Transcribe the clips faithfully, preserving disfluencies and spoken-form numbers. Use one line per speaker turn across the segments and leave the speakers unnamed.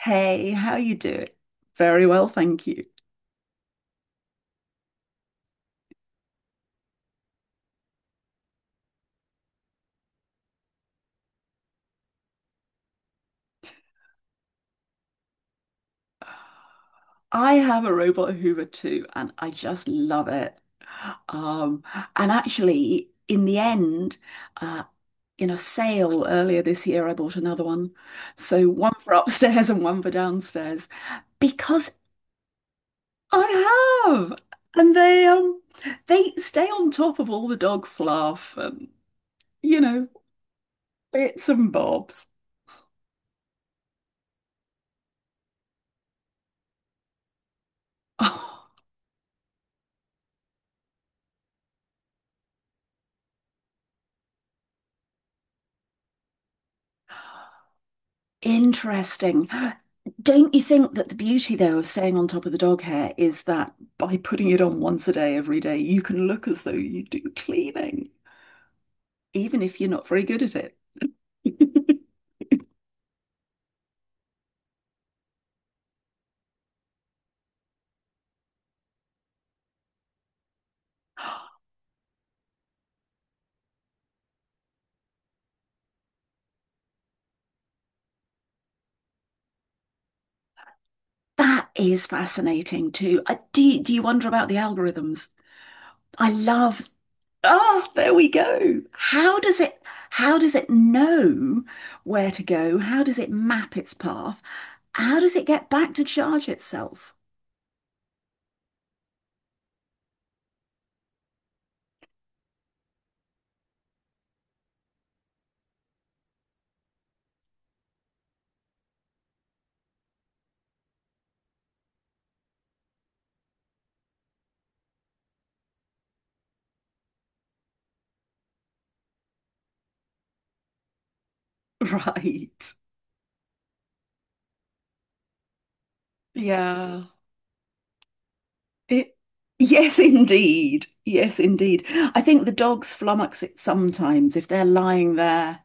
Hey, how you doing? Very well, thank you. I have a robot Hoover too, and I just love it. Um, and actually, in the end, uh, in a sale earlier this year, I bought another one. So one for upstairs and one for downstairs because I have, and they um they stay on top of all the dog fluff and you know bits and bobs. Interesting. Don't you think that the beauty, though, of staying on top of the dog hair is that by putting it on once a day, every day, you can look as though you do cleaning, even if you're not very good at it? That is fascinating too. I, do, do you wonder about the algorithms? I love. Ah, there we go. How does it how does it know where to go? How does it map its path? How does it get back to charge itself? Right. Yeah. It, yes, indeed. Yes, indeed. I think the dogs flummox it sometimes. If they're lying there,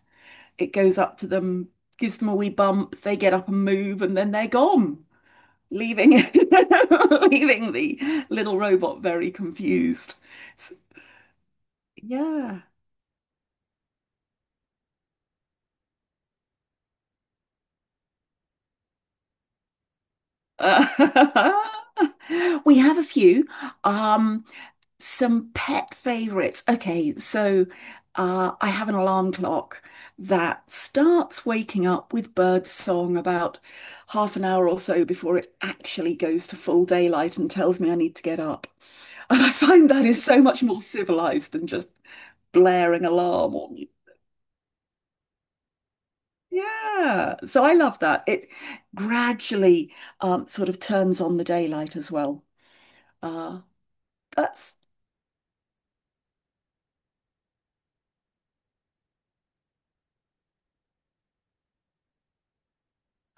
it goes up to them, gives them a wee bump, they get up and move, and then they're gone, leaving leaving the little robot very confused. So, yeah. Uh, we have a few. Um, some pet favorites. Okay, so uh, I have an alarm clock that starts waking up with bird song about half an hour or so before it actually goes to full daylight and tells me I need to get up. And I find that is so much more civilized than just blaring alarm or yeah. So I love that. It gradually um, sort of turns on the daylight as well. Uh, That's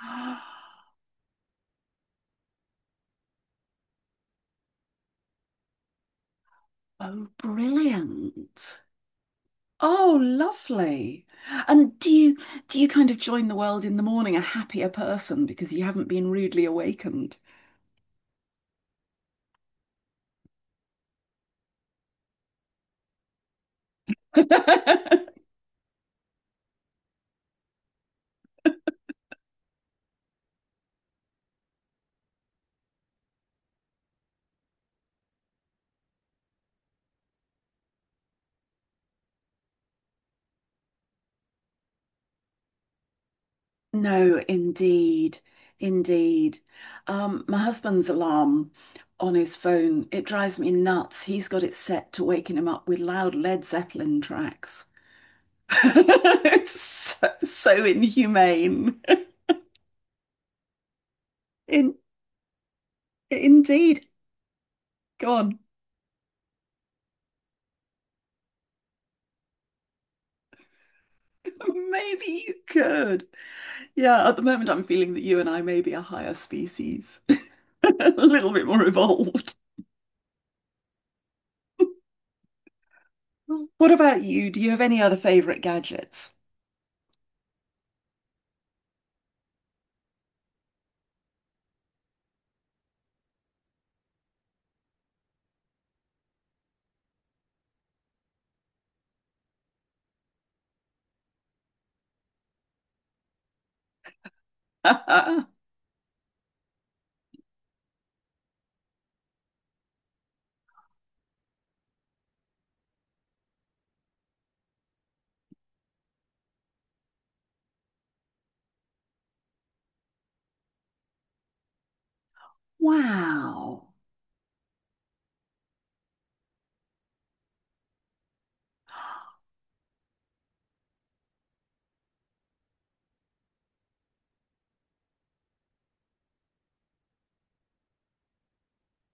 oh, brilliant. Oh, lovely. And do you, do you kind of join the world in the morning a happier person because you haven't been rudely awakened? No, indeed. Indeed. Um, my husband's alarm on his phone, it drives me nuts. He's got it set to waking him up with loud Led Zeppelin tracks. It's so, so inhumane. In, indeed. Go on. Maybe you could. Yeah, at the moment, I'm feeling that you and I may be a higher species, a little bit more evolved. What about you? Do you have any other favorite gadgets? Wow.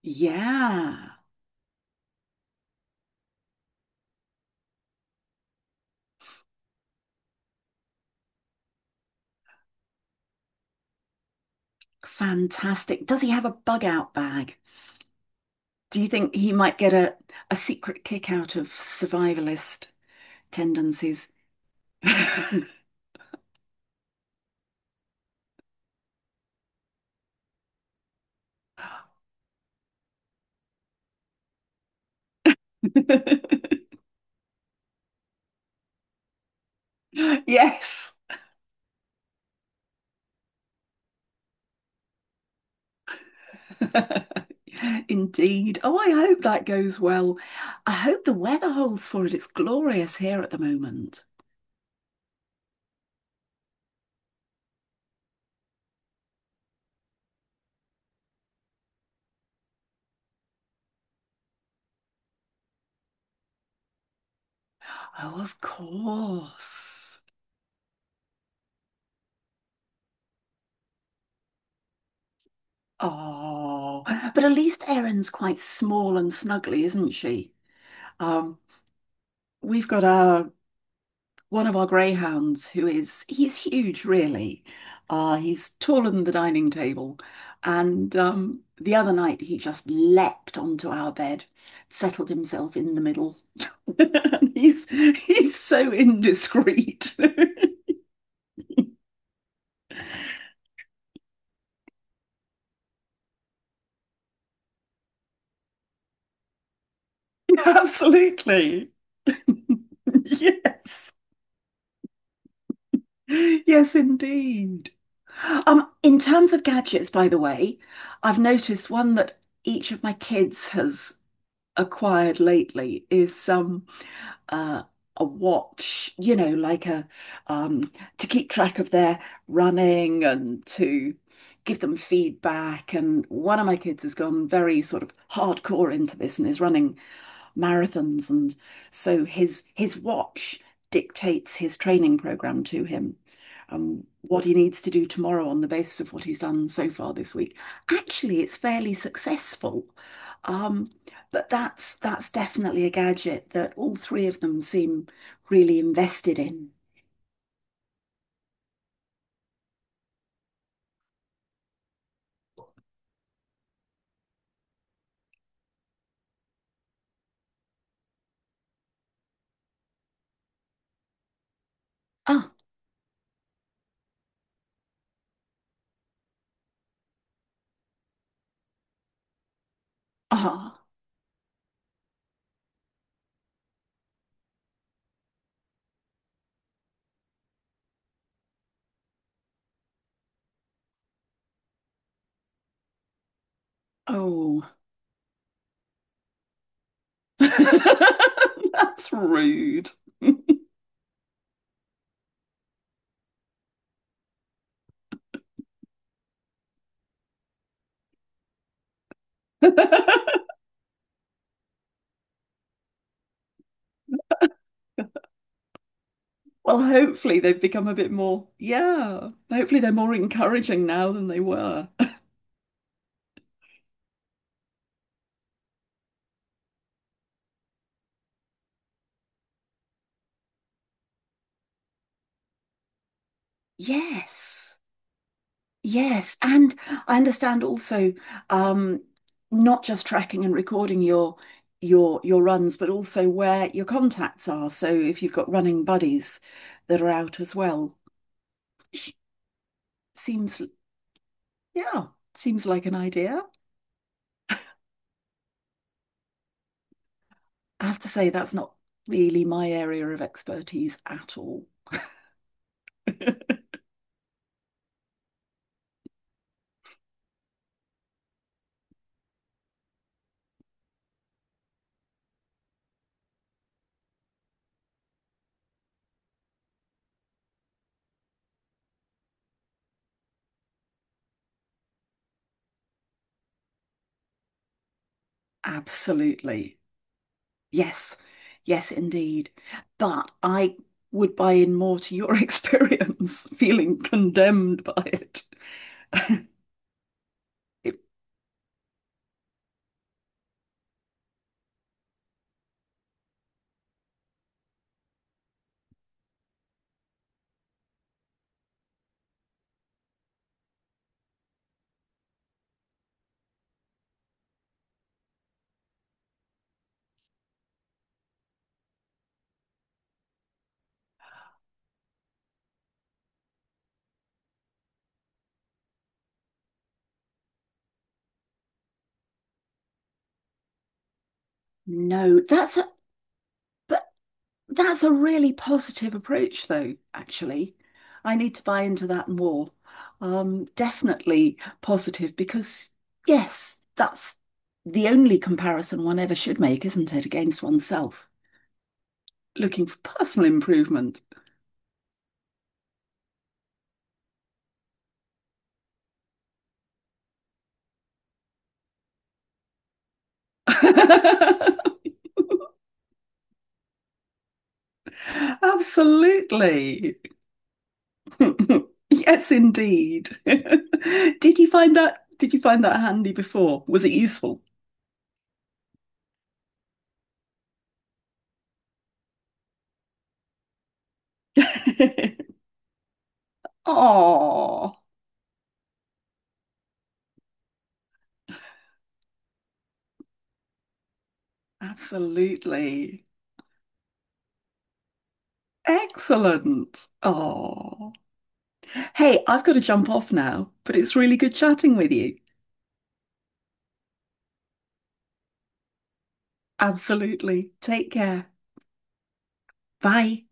Yeah. Fantastic. Does he have a bug out bag? Do you think he might get a, a secret kick out of survivalist tendencies? Yes. Indeed. Oh, I hope that goes well. I hope the weather holds for it. It's glorious here at the moment. Oh, of course. Oh, but at least Erin's quite small and snuggly, isn't she? Um, we've got our one of our greyhounds who is, he's huge, really. Uh he's taller than the dining table, and um the other night he just leapt onto our bed, settled himself in the middle. And he's he's so indiscreet. Absolutely. Yes, yes indeed. Um in terms of gadgets, by the way, I've noticed one that each of my kids has acquired lately is um uh, a watch, you know, like a um, to keep track of their running and to give them feedback. And one of my kids has gone very sort of hardcore into this and is running marathons, and so his his watch dictates his training program to him. Um, what he needs to do tomorrow on the basis of what he's done so far this week. Actually, it's fairly successful. Um, but that's that's definitely a gadget that all three of them seem really invested in. Ah, ah, oh. That's rude. Well, hopefully they've become a bit more, yeah. Hopefully they're more encouraging now than they were. Yes. Yes, and I understand also, um, not just tracking and recording your your your runs, but also where your contacts are. So if you've got running buddies that are out as well, seems, yeah, seems like an idea. I have to say that's not really my area of expertise at all. Absolutely. Yes. Yes, indeed. But I would buy in more to your experience, feeling condemned by it. It- no, that's a, but that's a really positive approach though, actually. I need to buy into that more. Um, definitely positive because yes, that's the only comparison one ever should make, isn't it, against oneself? Looking for personal improvement. Absolutely. Yes, indeed. Did you find that did you find that handy before? Was it useful? Oh, absolutely. Excellent. Oh. Hey, I've got to jump off now, but it's really good chatting with you. Absolutely. Take care. Bye.